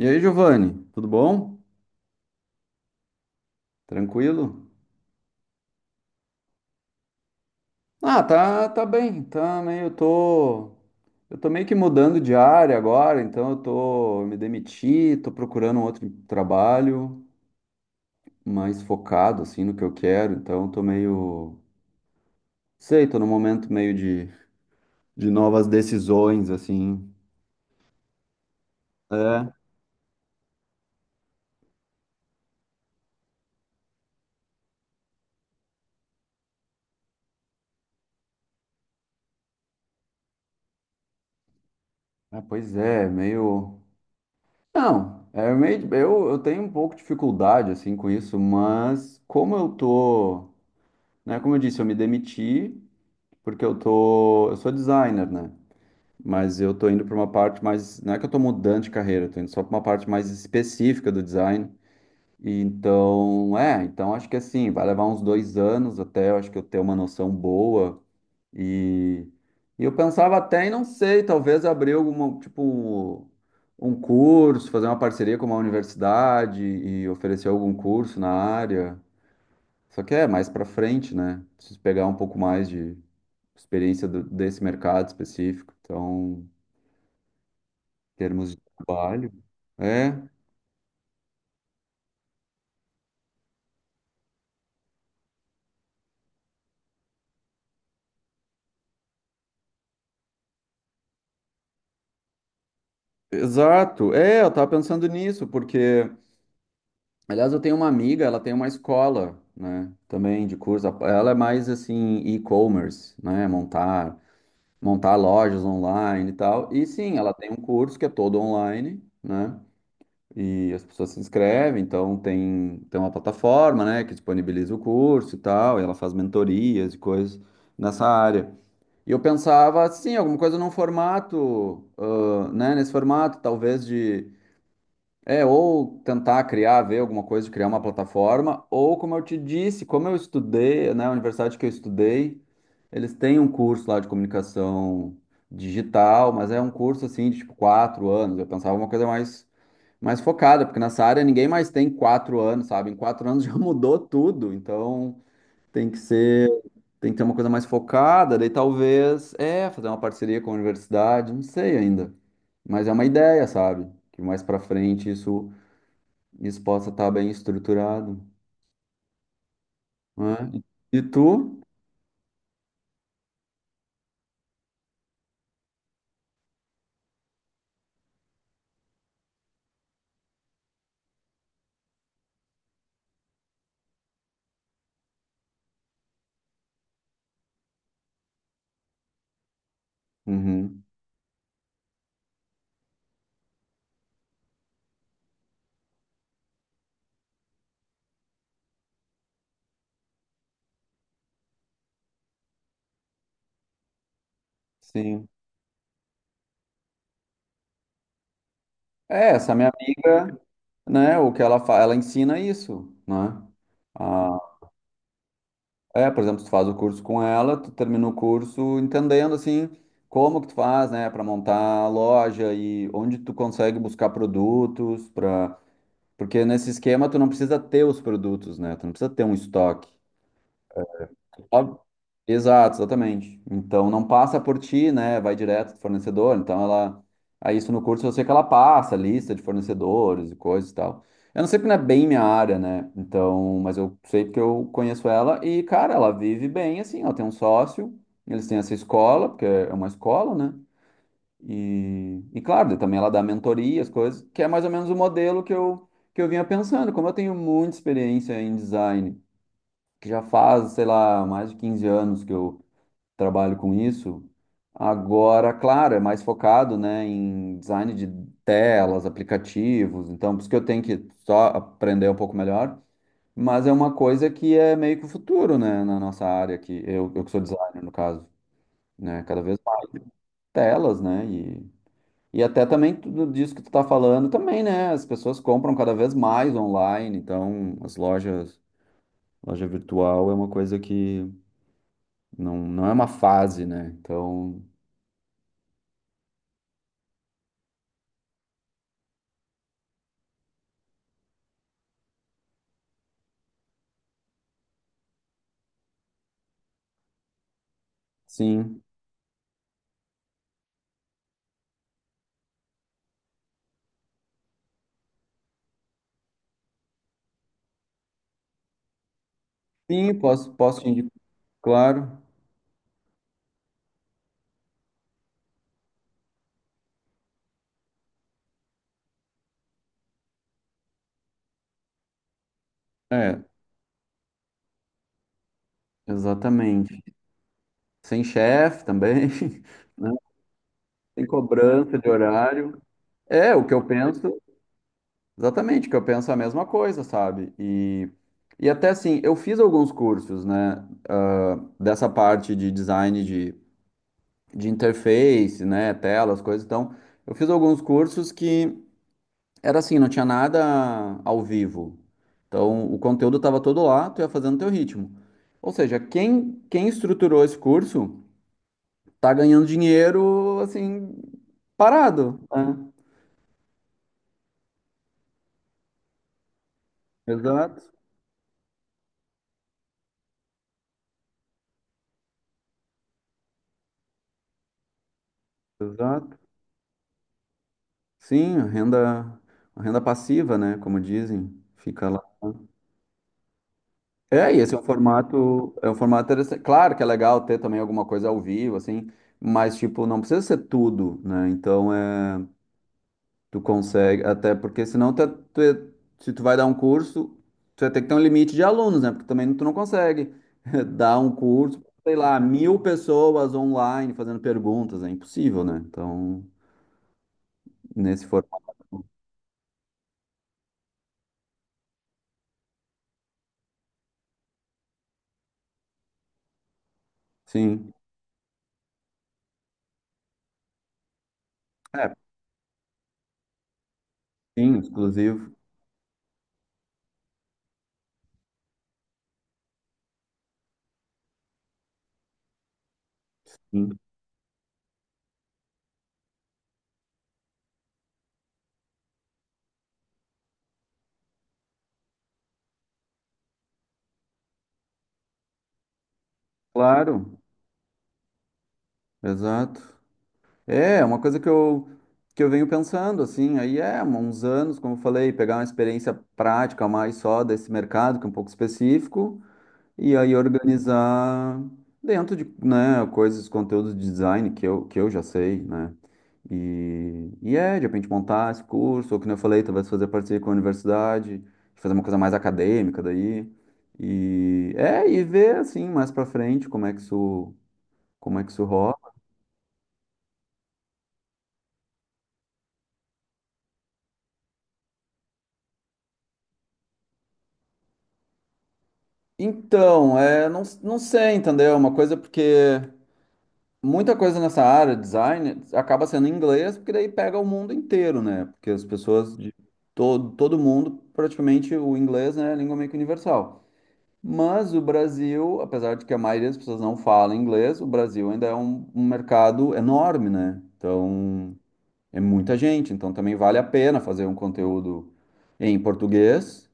E aí, Giovanni, tudo bom? Tranquilo? Ah, tá, tá bem, tá meio, eu tô meio que mudando de área agora, então eu me demiti, tô procurando um outro trabalho mais focado, assim, no que eu quero, então eu tô meio, sei, tô num momento meio de novas decisões, assim, é, ah, pois é, meio, não, é meio, eu tenho um pouco de dificuldade, assim, com isso, mas como eu tô, né, como eu disse, eu me demiti, porque eu sou designer, né? Mas eu tô indo para uma parte mais, não é que eu tô mudando de carreira, eu tô indo só para uma parte mais específica do design. E então, é, então acho que assim, vai levar uns 2 anos até eu acho que eu ter uma noção boa. E, e eu pensava até, e não sei, talvez abrir alguma, tipo, um curso, fazer uma parceria com uma universidade e oferecer algum curso na área. Só que é mais para frente, né? Preciso pegar um pouco mais de experiência desse mercado específico. Então, em termos de trabalho. É, exato. É, eu tava pensando nisso, porque, aliás, eu tenho uma amiga, ela tem uma escola, né, também de curso. Ela é mais assim, e-commerce, né, montar lojas online e tal. E sim, ela tem um curso que é todo online, né? E as pessoas se inscrevem, então tem, tem uma plataforma, né, que disponibiliza o curso e tal, e ela faz mentorias e coisas nessa área. E eu pensava, sim, alguma coisa num formato, ah, né, nesse formato, talvez de, é, ou tentar criar, ver alguma coisa, de criar uma plataforma, ou como eu te disse, como eu estudei, né, a universidade que eu estudei, eles têm um curso lá de comunicação digital, mas é um curso, assim, de, tipo, 4 anos, eu pensava uma coisa mais, mais focada, porque nessa área ninguém mais tem 4 anos, sabe, em 4 anos já mudou tudo, então. Tem que ser, tem que ter uma coisa mais focada, daí talvez, é, fazer uma parceria com a universidade, não sei ainda. Mas é uma ideia, sabe? Que mais pra frente isso, isso possa estar bem estruturado, né? E tu? Uhum, sim. É, essa minha amiga, né, o que ela faz, ela ensina isso, né? Ah, é, por exemplo, tu faz o curso com ela, tu termina o curso entendendo assim como que tu faz, né, para montar a loja e onde tu consegue buscar produtos para, porque nesse esquema tu não precisa ter os produtos, né? Tu não precisa ter um estoque. Ó, exato, exatamente. Então não passa por ti, né? Vai direto do fornecedor. Então ela. Aí isso no curso eu sei que ela passa, lista de fornecedores e coisas e tal. Eu não sei porque não é bem minha área, né? Então, mas eu sei porque eu conheço ela e, cara, ela vive bem assim, ela tem um sócio, eles têm essa escola, porque é uma escola, né? E claro, daí também ela dá mentoria, as coisas, que é mais ou menos o modelo que eu vinha pensando. Como eu tenho muita experiência em design que já faz, sei lá, mais de 15 anos que eu trabalho com isso. Agora, claro, é mais focado, né, em design de telas, aplicativos, então por isso que eu tenho que só aprender um pouco melhor, mas é uma coisa que é meio que o futuro, né, na nossa área, que eu que sou designer, no caso, né, cada vez mais telas, né, e até também tudo disso que tu tá falando também, né, as pessoas compram cada vez mais online, então as lojas, loja virtual é uma coisa que não, não é uma fase, né? Então, sim. Sim, posso te indicar, claro. É, exatamente. Sem chefe também, né? Sem cobrança de horário. É, o que eu penso, exatamente, o que eu penso é a mesma coisa, sabe? E até assim, eu fiz alguns cursos, né? Ah, dessa parte de design de interface, né? Telas, coisas. Então, eu fiz alguns cursos que era assim, não tinha nada ao vivo. Então, o conteúdo estava todo lá, tu ia fazendo teu ritmo. Ou seja, quem, quem estruturou esse curso tá ganhando dinheiro, assim, parado, né? Exato, exato. Sim, a renda passiva, né? Como dizem, fica lá. É, e esse é um formato interessante. Claro que é legal ter também alguma coisa ao vivo, assim, mas, tipo, não precisa ser tudo, né? Então, é. Tu consegue, até porque senão tu é- se tu vai dar um curso, tu vai ter que ter um limite de alunos, né? Porque também tu não consegue dar um curso, sei lá, 1.000 pessoas online fazendo perguntas, é impossível, né? Então, nesse formato, sim. É, sim, exclusivo. Sim. Claro, exato. É, é uma coisa que eu venho pensando, assim, aí é, uns anos, como eu falei, pegar uma experiência prática mais só desse mercado, que é um pouco específico. E aí organizar dentro de, né, coisas, conteúdos de design que eu já sei, né? E é, de repente montar esse curso, ou como eu falei, talvez fazer parceria com a universidade, fazer uma coisa mais acadêmica daí. E é, e ver assim, mais pra frente, como é que isso rola. Então, é, não, não sei, entendeu? É uma coisa porque muita coisa nessa área, design, acaba sendo em inglês, porque daí pega o mundo inteiro, né? Porque as pessoas de todo mundo, praticamente o inglês, né, é a língua meio que universal. Mas o Brasil, apesar de que a maioria das pessoas não fala inglês, o Brasil ainda é um, um mercado enorme, né? Então, é muita gente, então também vale a pena fazer um conteúdo em português,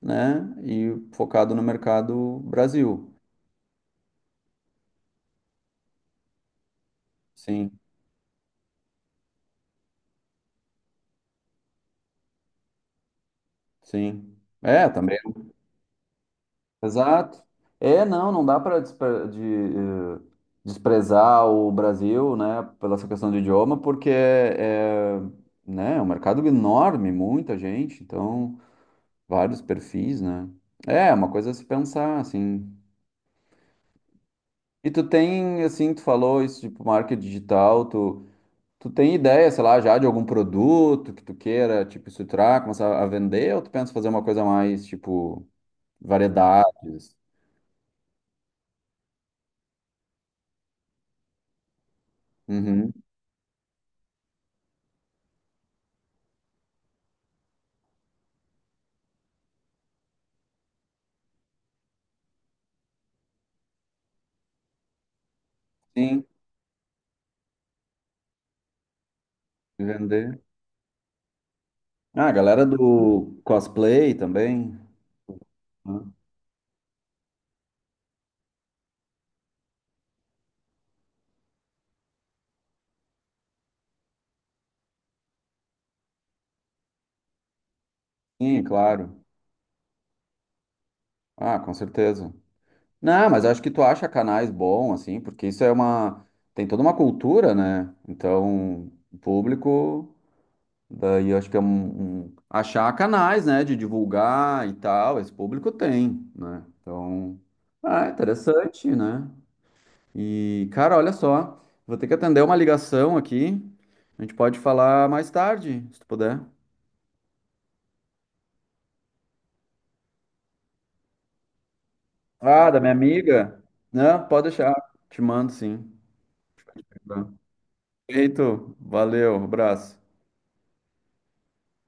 né? E focado no mercado Brasil. Sim, sim. É, também. Exato. É, não, não dá para desprezar o Brasil, né, pela essa questão de idioma, porque é, é, né, é um mercado enorme, muita gente, então vários perfis, né? É, é uma coisa a se pensar, assim. E tu tem, assim, tu falou isso, tipo, marketing digital, tu tem ideia, sei lá, já de algum produto que tu queira, tipo, estruturar, começar a vender, ou tu pensa fazer uma coisa mais, tipo, variedades? Uhum. Sim, vender. Ah, a galera do cosplay também. Né? Sim, claro. Ah, com certeza. Não, mas acho que tu acha canais bom, assim, porque isso é uma. Tem toda uma cultura, né? Então, o público. Daí eu acho que é um, achar canais, né? De divulgar e tal. Esse público tem, né? Então. Ah, é interessante, né? E, cara, olha só. Vou ter que atender uma ligação aqui. A gente pode falar mais tarde, se tu puder. Ah, da minha amiga? Não, pode deixar. Te mando sim. Perfeito. Valeu, abraço.